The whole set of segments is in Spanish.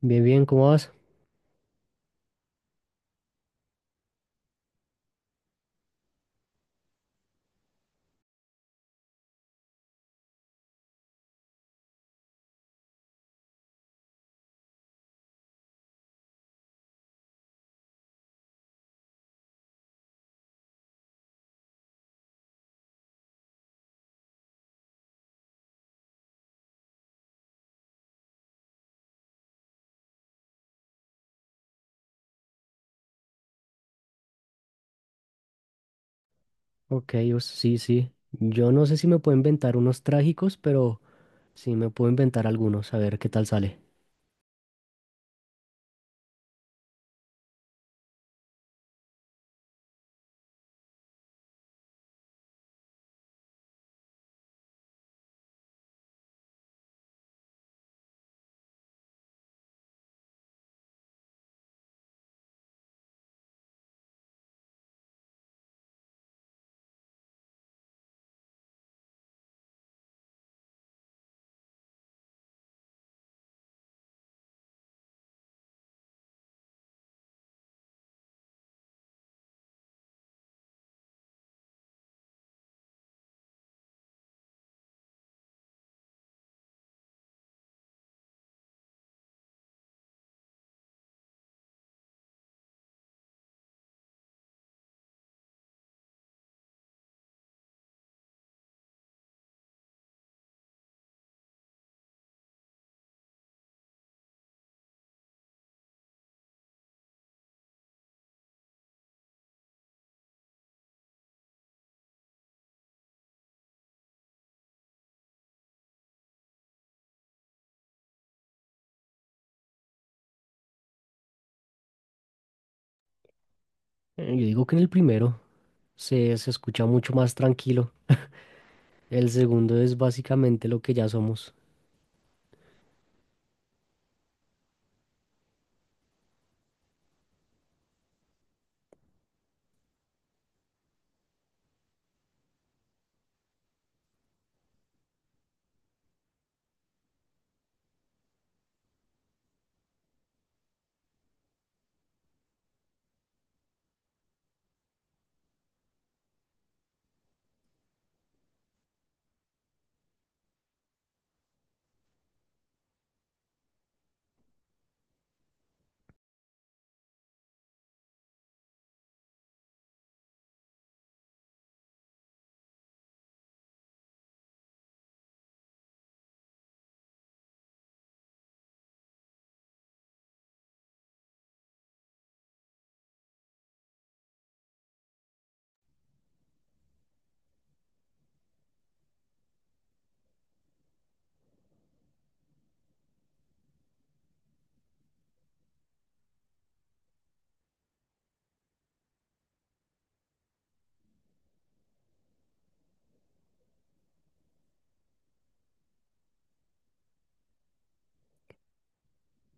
Bien, bien, ¿cómo vas? Ok, o- sí, sí. Yo no sé si me puedo inventar unos trágicos, pero sí me puedo inventar algunos, a ver qué tal sale. Yo digo que en el primero se escucha mucho más tranquilo. El segundo es básicamente lo que ya somos.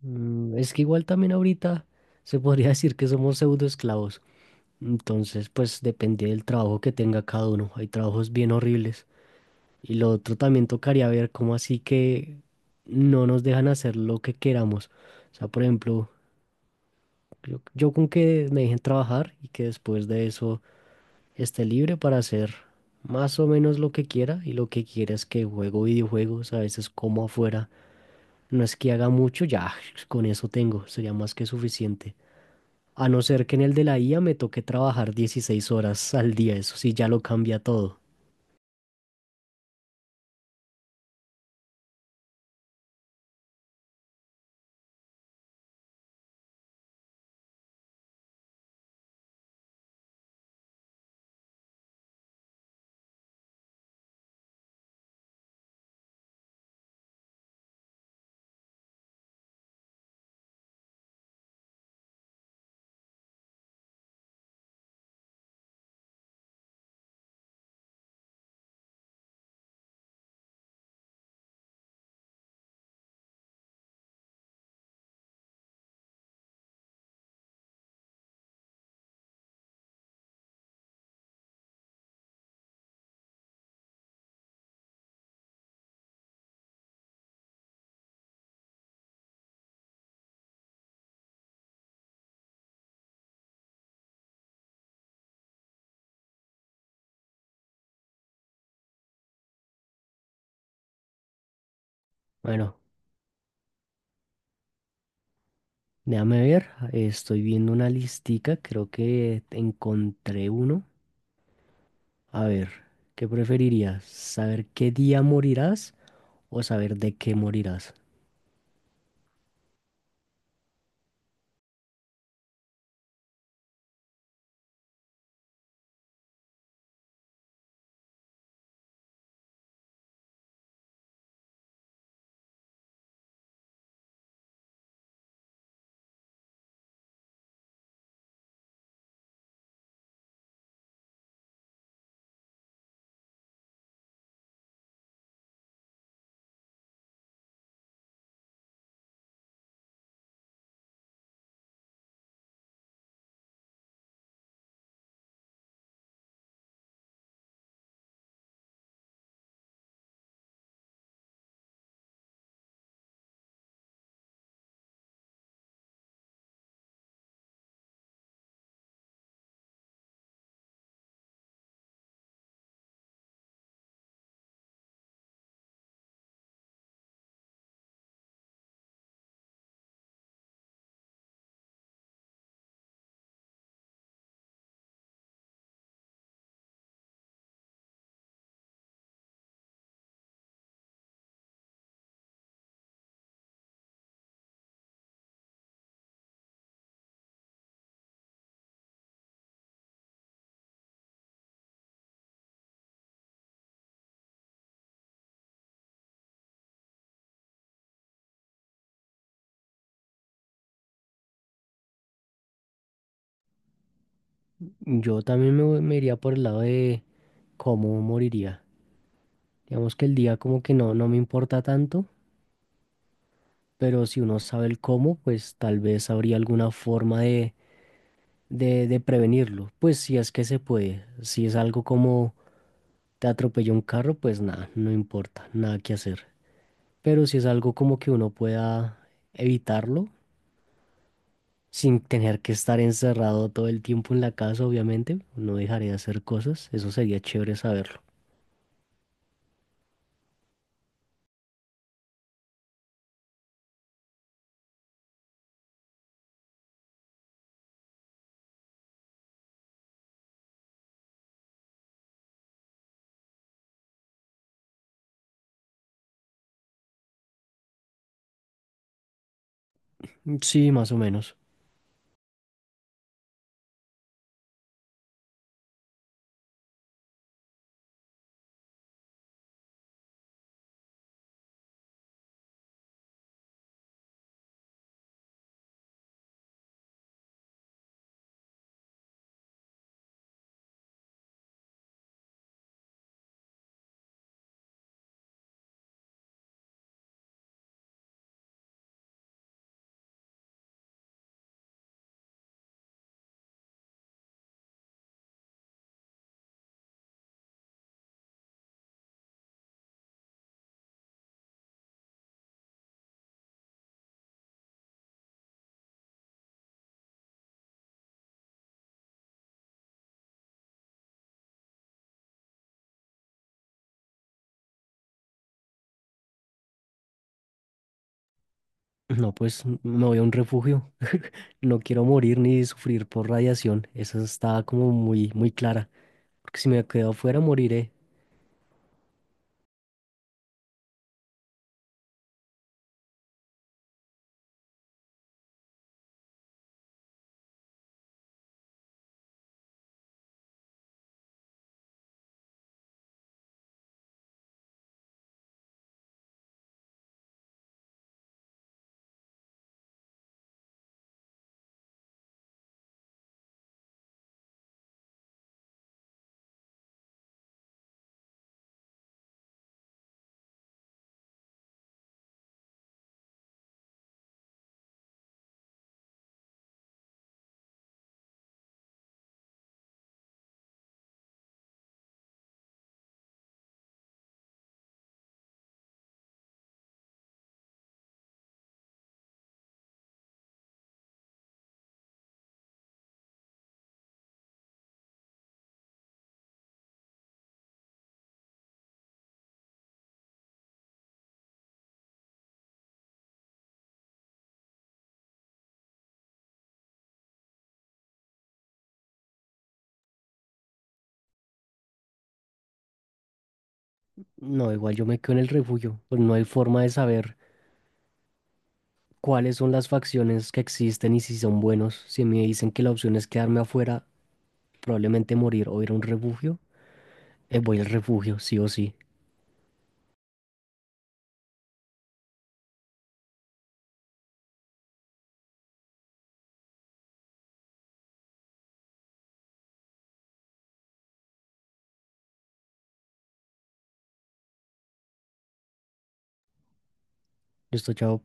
Mm, es que igual también ahorita se podría decir que somos pseudoesclavos. Entonces, pues depende del trabajo que tenga cada uno. Hay trabajos bien horribles. Y lo otro también tocaría ver cómo así que no nos dejan hacer lo que queramos. O sea, por ejemplo... Yo con que me dejen trabajar y que después de eso esté libre para hacer más o menos lo que quiera, y lo que quiera es que juego videojuegos, a veces como afuera. No es que haga mucho, ya con eso tengo, sería más que suficiente. A no ser que en el de la IA me toque trabajar 16 horas al día, eso sí ya lo cambia todo. Bueno, déjame ver, estoy viendo una listica, creo que encontré uno. A ver, ¿qué preferirías? ¿Saber qué día morirás o saber de qué morirás? Yo también me iría por el lado de cómo moriría. Digamos que el día como que no, no me importa tanto, pero si uno sabe el cómo, pues tal vez habría alguna forma de, de prevenirlo. Pues si es que se puede. Si es algo como te atropelló un carro, pues nada, no importa, nada que hacer. Pero si es algo como que uno pueda evitarlo, sin tener que estar encerrado todo el tiempo en la casa, obviamente, no dejaré de hacer cosas, eso sería chévere saberlo. Mm, sí, más o menos. No, pues me voy a un refugio. No quiero morir ni sufrir por radiación. Esa está como muy, muy clara. Porque si me quedo afuera, moriré. No, igual yo me quedo en el refugio. Pues no hay forma de saber cuáles son las facciones que existen y si son buenos. Si me dicen que la opción es quedarme afuera, probablemente morir o ir a un refugio, voy al refugio, sí o sí. Listo, chao.